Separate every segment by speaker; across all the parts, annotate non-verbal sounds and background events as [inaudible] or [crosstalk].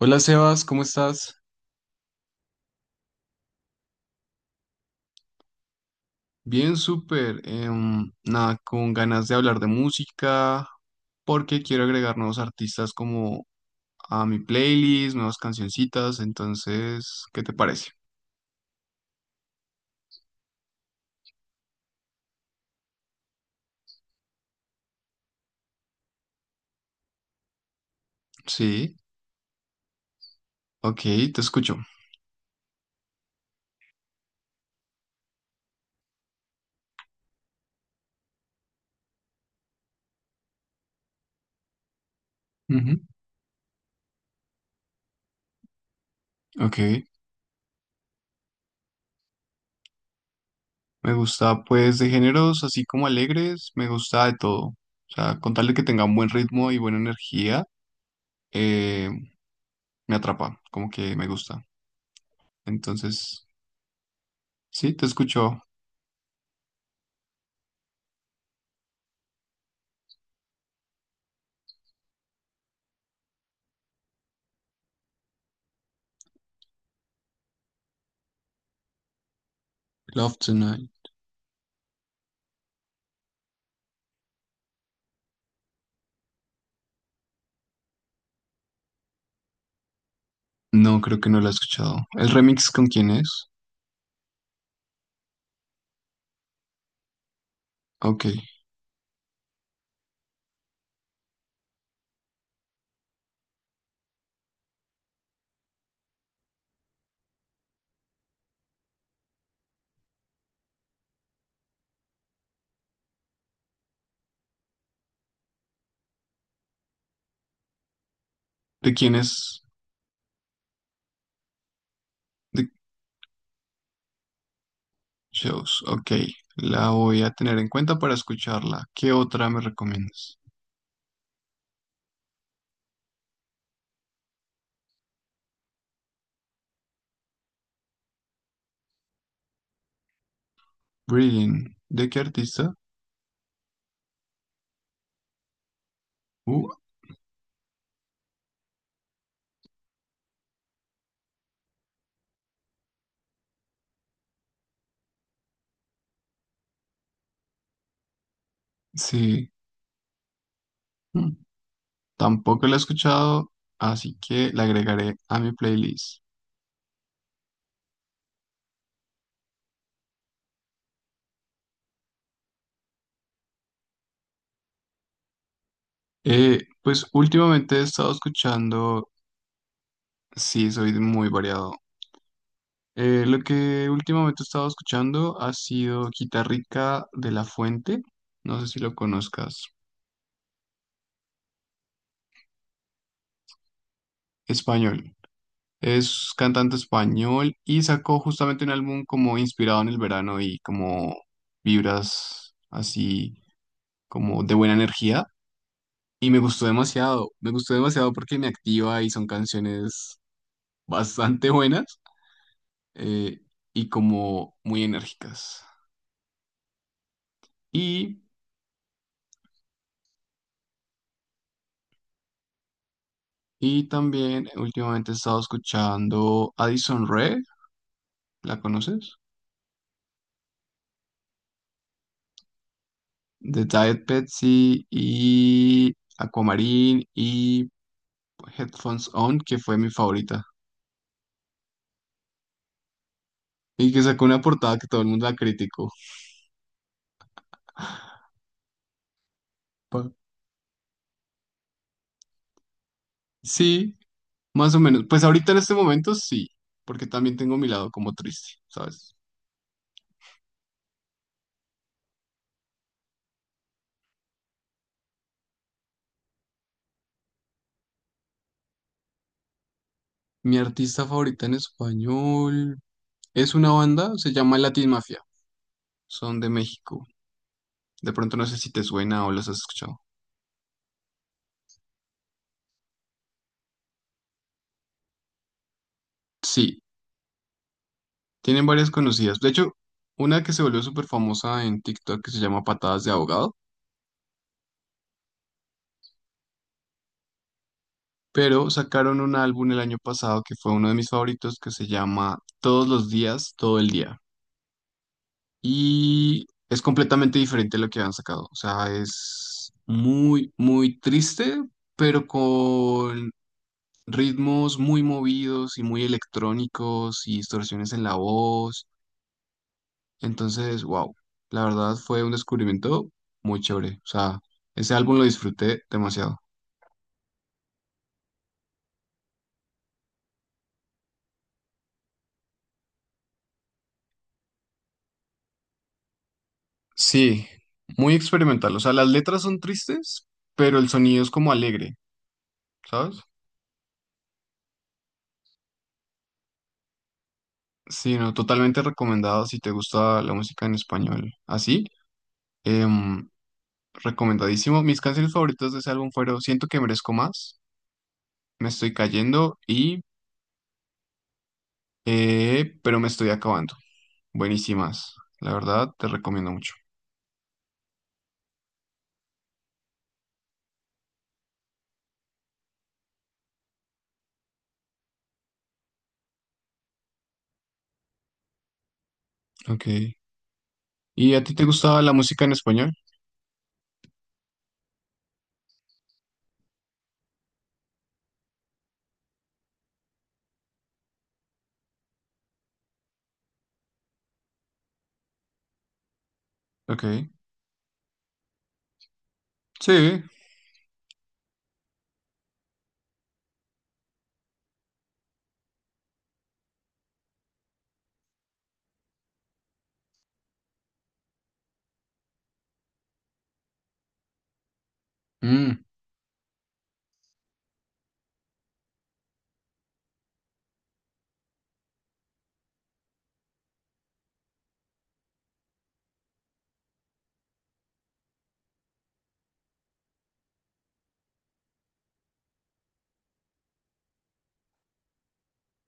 Speaker 1: Hola Sebas, ¿cómo estás? Bien, súper. Nada, con ganas de hablar de música, porque quiero agregar nuevos artistas como a mi playlist, nuevas cancioncitas. Entonces, ¿qué te parece? Sí, ok, te escucho. Ujú. Ok, me gusta pues de géneros así como alegres, me gusta de todo. O sea, con tal de que tenga un buen ritmo y buena energía, eh, me atrapa, como que me gusta. Entonces, sí, te escucho. Love Tonight. No, creo que no la he escuchado. ¿El remix con quién es? Ok. ¿De quién es? De Shows. Ok. La voy a tener en cuenta para escucharla. ¿Qué otra me recomiendas? Breathing. ¿De qué artista? Uh, sí. Mm, tampoco la he escuchado, así que la agregaré a mi playlist. Pues últimamente he estado escuchando, sí, soy muy variado. Lo que últimamente he estado escuchando ha sido Quitarrica de la Fuente, no sé si lo conozcas, español. Es cantante español y sacó justamente un álbum como inspirado en el verano y como vibras así como de buena energía. Y me gustó demasiado porque me activa y son canciones bastante buenas, eh, y como muy enérgicas. Y y también últimamente he estado escuchando Addison Rae, ¿la conoces? The Diet Pepsi y Aquamarine y Headphones On, que fue mi favorita. Y que sacó una portada que todo el mundo la criticó. Pa- Sí, más o menos. Pues ahorita en este momento sí, porque también tengo mi lado como triste, ¿sabes? Mi artista favorita en español es una banda, se llama Latin Mafia, son de México. De pronto no sé si te suena o los has escuchado. Sí, tienen varias conocidas. De hecho, una que se volvió súper famosa en TikTok que se llama Patadas de Abogado, pero sacaron un álbum el año pasado que fue uno de mis favoritos que se llama Todos los días, todo el día. Y es completamente diferente a lo que han sacado. O sea, es muy, muy triste, pero con ritmos muy movidos y muy electrónicos y distorsiones en la voz. Entonces, wow, la verdad fue un descubrimiento muy chévere. O sea, ese álbum lo disfruté demasiado. Sí, muy experimental. O sea, las letras son tristes, pero el sonido es como alegre, ¿sabes? Sí, no, totalmente recomendado si te gusta la música en español. Así, em, recomendadísimo. Mis canciones favoritas de ese álbum fueron Siento que merezco más, Me estoy cayendo y Pero me estoy acabando. Buenísimas. La verdad, te recomiendo mucho. Ok. ¿Y a ti te gustaba la música en español? Ok. Sí. Mm,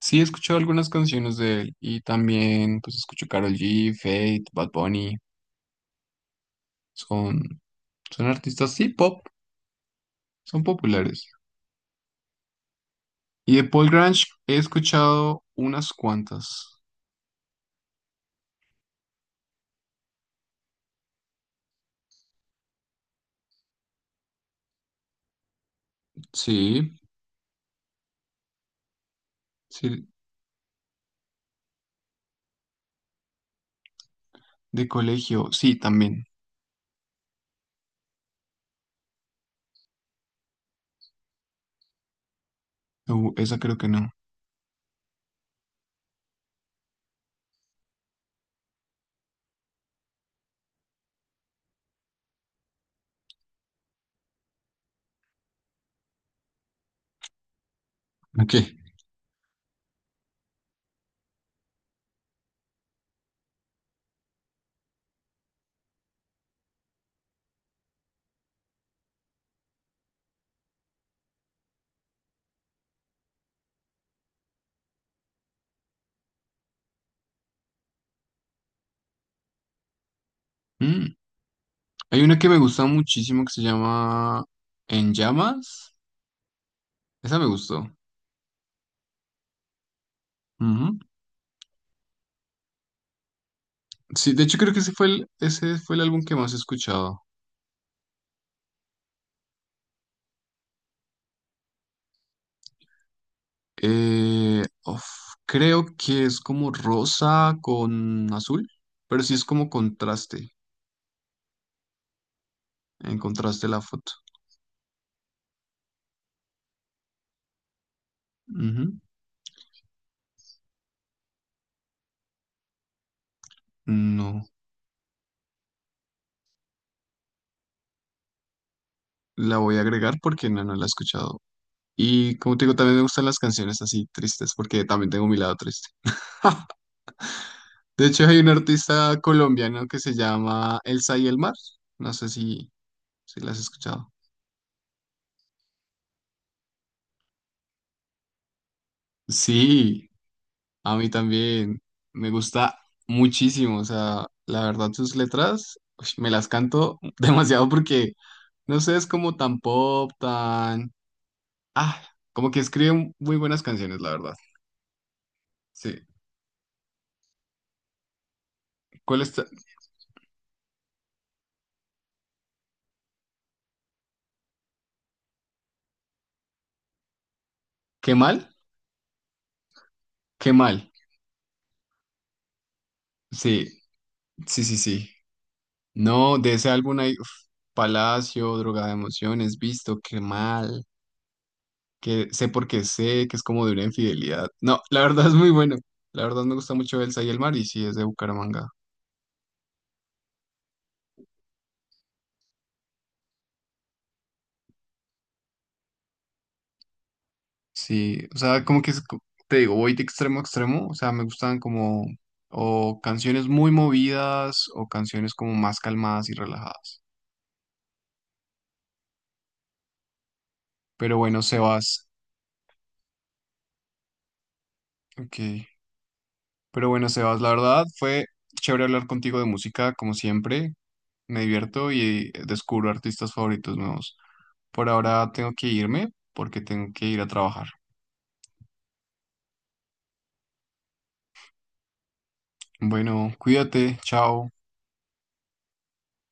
Speaker 1: sí, he escuchado algunas canciones de él y también pues escucho Karol G, Fate, Bad Bunny. Son, son artistas, sí, pop, son populares. Y de Paul Grange he escuchado unas cuantas. Sí, sí, de colegio, sí, también. Esa creo que no. Ok. Mm, hay una que me gusta muchísimo que se llama En Llamas. Esa me gustó. Sí, de hecho creo que ese fue el álbum que más he escuchado. Eh, uf, Creo que es como rosa con azul, pero sí es como contraste, en contraste la foto. Ujú. No, la voy a agregar porque no la he escuchado. Y como te digo, también me gustan las canciones así tristes porque también tengo mi lado triste. [laughs] De hecho, hay un artista colombiano que se llama Elsa y el Mar. No sé si, si la has escuchado. Sí, a mí también me gusta muchísimo. O sea, la verdad sus letras ush, me las canto [laughs] demasiado porque, no sé, es como tan pop, tan... Ah, como que escribe muy buenas canciones, la verdad. Sí. ¿Cuál está? ¿Qué mal? ¿Qué mal? Sí, sí, sí, sí. No, de ese álbum hay uf, Palacio, Droga de Emociones, Visto, Qué mal, que sé porque sé, que es como de una infidelidad. No, la verdad es muy bueno. La verdad me gusta mucho Elsa y el mar y sí, es de Bucaramanga. Sí, o sea, como que es co- te digo, voy de extremo a extremo. O sea, me gustan como o canciones muy movidas o canciones como más calmadas y relajadas. Pero bueno, Sebas, ok. Pero bueno, Sebas, la verdad fue chévere hablar contigo de música, como siempre. Me divierto y descubro artistas favoritos nuevos. Por ahora tengo que irme porque tengo que ir a trabajar. Bueno, cuídate, chao.